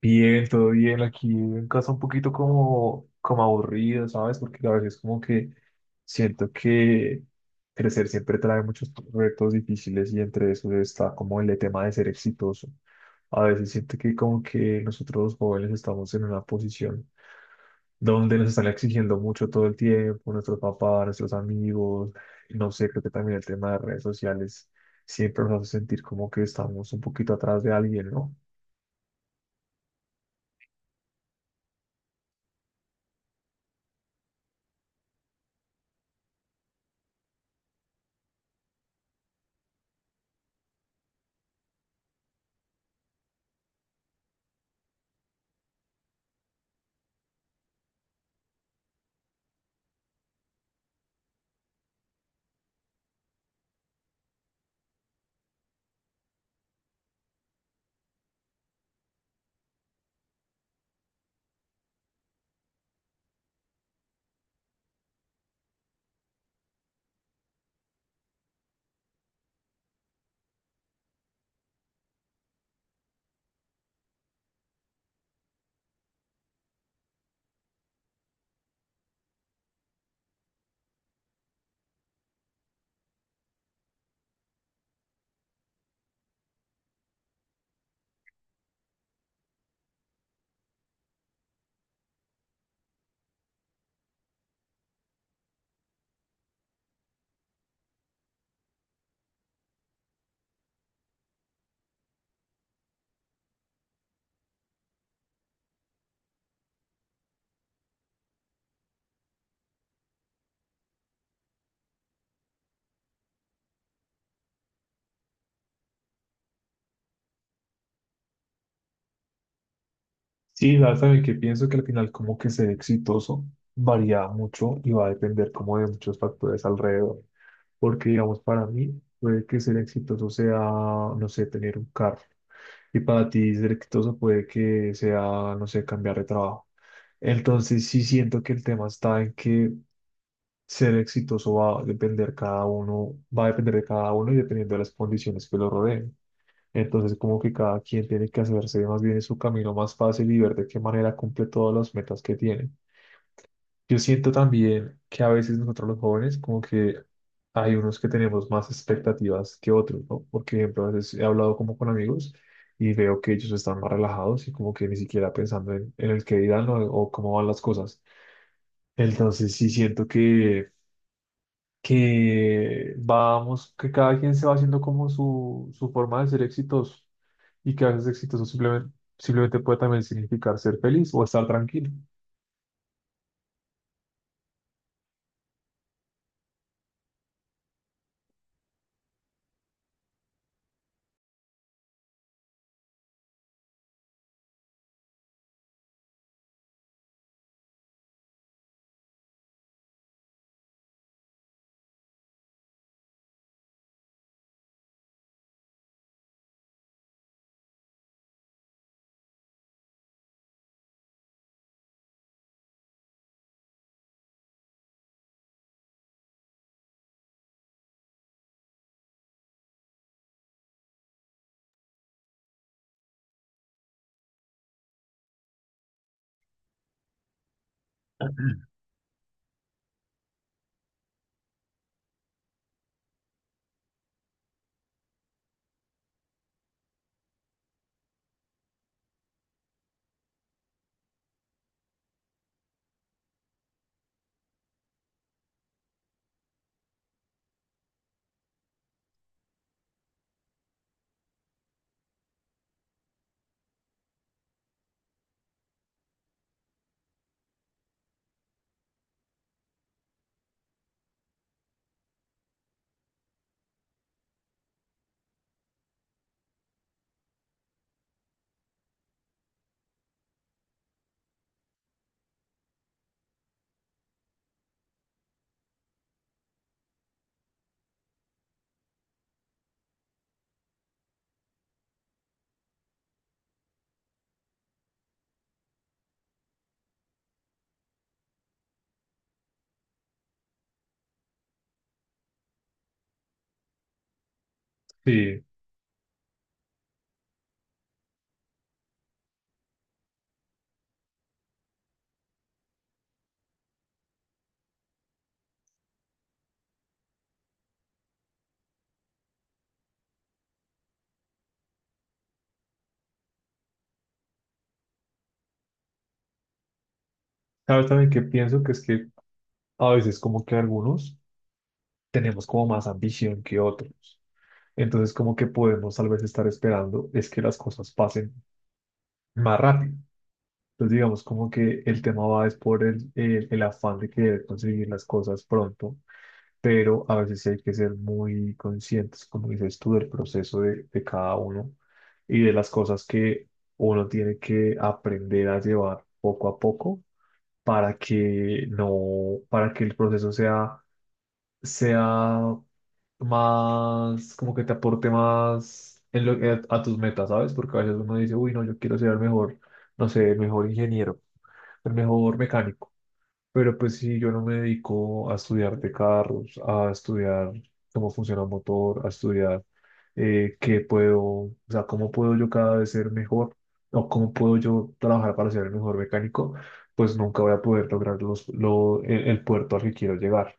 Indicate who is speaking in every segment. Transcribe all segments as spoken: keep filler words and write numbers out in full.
Speaker 1: Bien, todo bien. Aquí en casa un poquito como, como aburrido, ¿sabes? Porque a veces como que siento que crecer siempre trae muchos retos difíciles y entre esos está como el tema de ser exitoso. A veces siento que como que nosotros los jóvenes estamos en una posición donde nos están exigiendo mucho todo el tiempo, nuestros papás, nuestros amigos, no sé, creo que también el tema de redes sociales siempre nos hace sentir como que estamos un poquito atrás de alguien, ¿no? Sí, ya saben que pienso que al final como que ser exitoso varía mucho y va a depender como de muchos factores alrededor. Porque digamos, para mí puede que ser exitoso sea, no sé, tener un carro. Y para ti ser exitoso puede que sea, no sé, cambiar de trabajo. Entonces sí siento que el tema está en que ser exitoso va a depender cada uno, va a depender de cada uno y dependiendo de las condiciones que lo rodeen. Entonces, como que cada quien tiene que hacerse más bien su camino más fácil y ver de qué manera cumple todas las metas que tiene. Yo siento también que a veces nosotros los jóvenes, como que hay unos que tenemos más expectativas que otros, ¿no? Por ejemplo, a veces he hablado como con amigos y veo que ellos están más relajados y como que ni siquiera pensando en, en el que dirán o, o cómo van las cosas. Entonces, sí siento que, que vamos, que cada quien se va haciendo como su, su forma de ser exitoso y que a veces exitoso simplemente, simplemente puede también significar ser feliz o estar tranquilo. Sí, sabes también que pienso que es que a veces como que algunos tenemos como más ambición que otros. Entonces como que podemos tal vez estar esperando es que las cosas pasen más rápido. Entonces digamos como que el tema va es por el, el, el afán de querer conseguir las cosas pronto pero a veces sí hay que ser muy conscientes, como dices tú, del proceso de, de cada uno y de las cosas que uno tiene que aprender a llevar poco a poco para que no, para que el proceso sea, sea más, como que te aporte más en lo, a, a tus metas, ¿sabes? Porque a veces uno dice, uy, no, yo quiero ser el mejor, no sé, el mejor ingeniero, el mejor mecánico pero pues sí, yo no me dedico a estudiar de carros, a estudiar cómo funciona un motor, a estudiar eh, qué puedo, o sea, cómo puedo yo cada vez ser mejor o cómo puedo yo trabajar para ser el mejor mecánico, pues nunca voy a poder lograr los, lo, el, el puerto al que quiero llegar.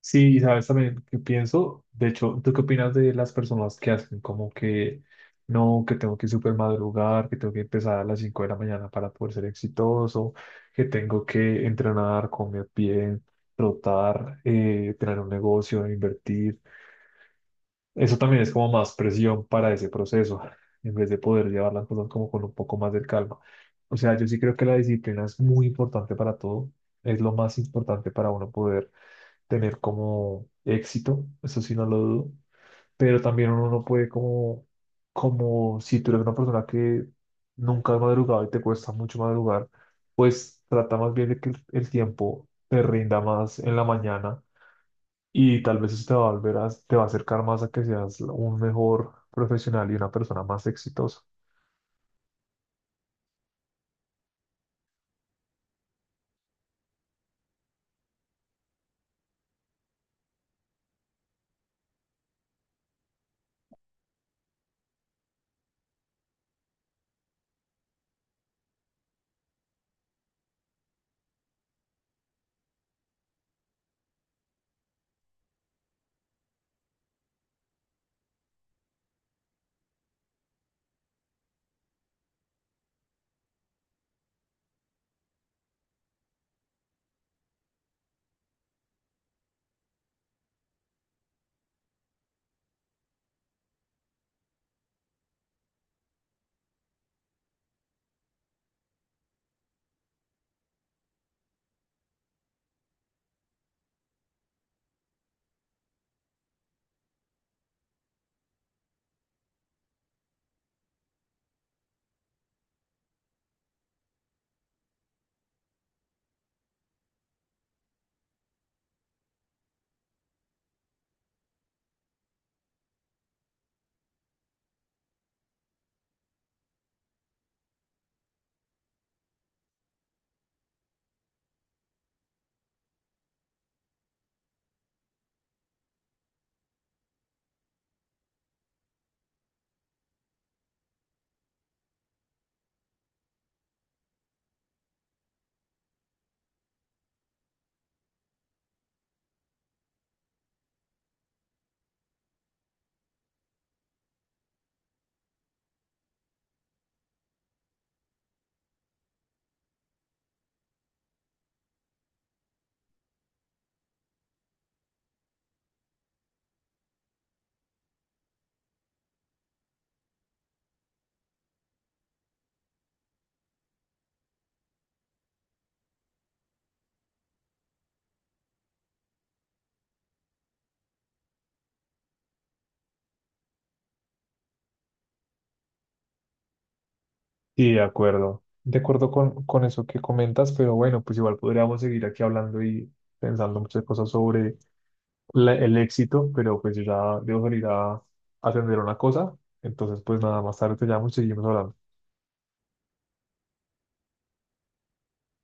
Speaker 1: Sí, y sabes también qué pienso. De hecho, ¿tú qué opinas de las personas que hacen como que no, que tengo que super madrugar, que tengo que empezar a las cinco de la mañana para poder ser exitoso, que tengo que entrenar, comer bien, trotar, eh, tener un negocio, invertir? Eso también es como más presión para ese proceso, en vez de poder llevar las cosas como con un poco más de calma. O sea, yo sí creo que la disciplina es muy importante para todo. Es lo más importante para uno poder tener como éxito, eso sí no lo dudo, pero también uno no puede como, como si tú eres una persona que nunca has madrugado y te cuesta mucho madrugar, pues trata más bien de que el, el tiempo te rinda más en la mañana y tal vez eso te va a volver a, te va a acercar más a que seas un mejor profesional y una persona más exitosa. Sí, de acuerdo. De acuerdo con, con eso que comentas, pero bueno, pues igual podríamos seguir aquí hablando y pensando muchas cosas sobre la- el éxito, pero pues yo ya debo salir a atender una cosa. Entonces, pues nada, más tarde te llamo y seguimos hablando.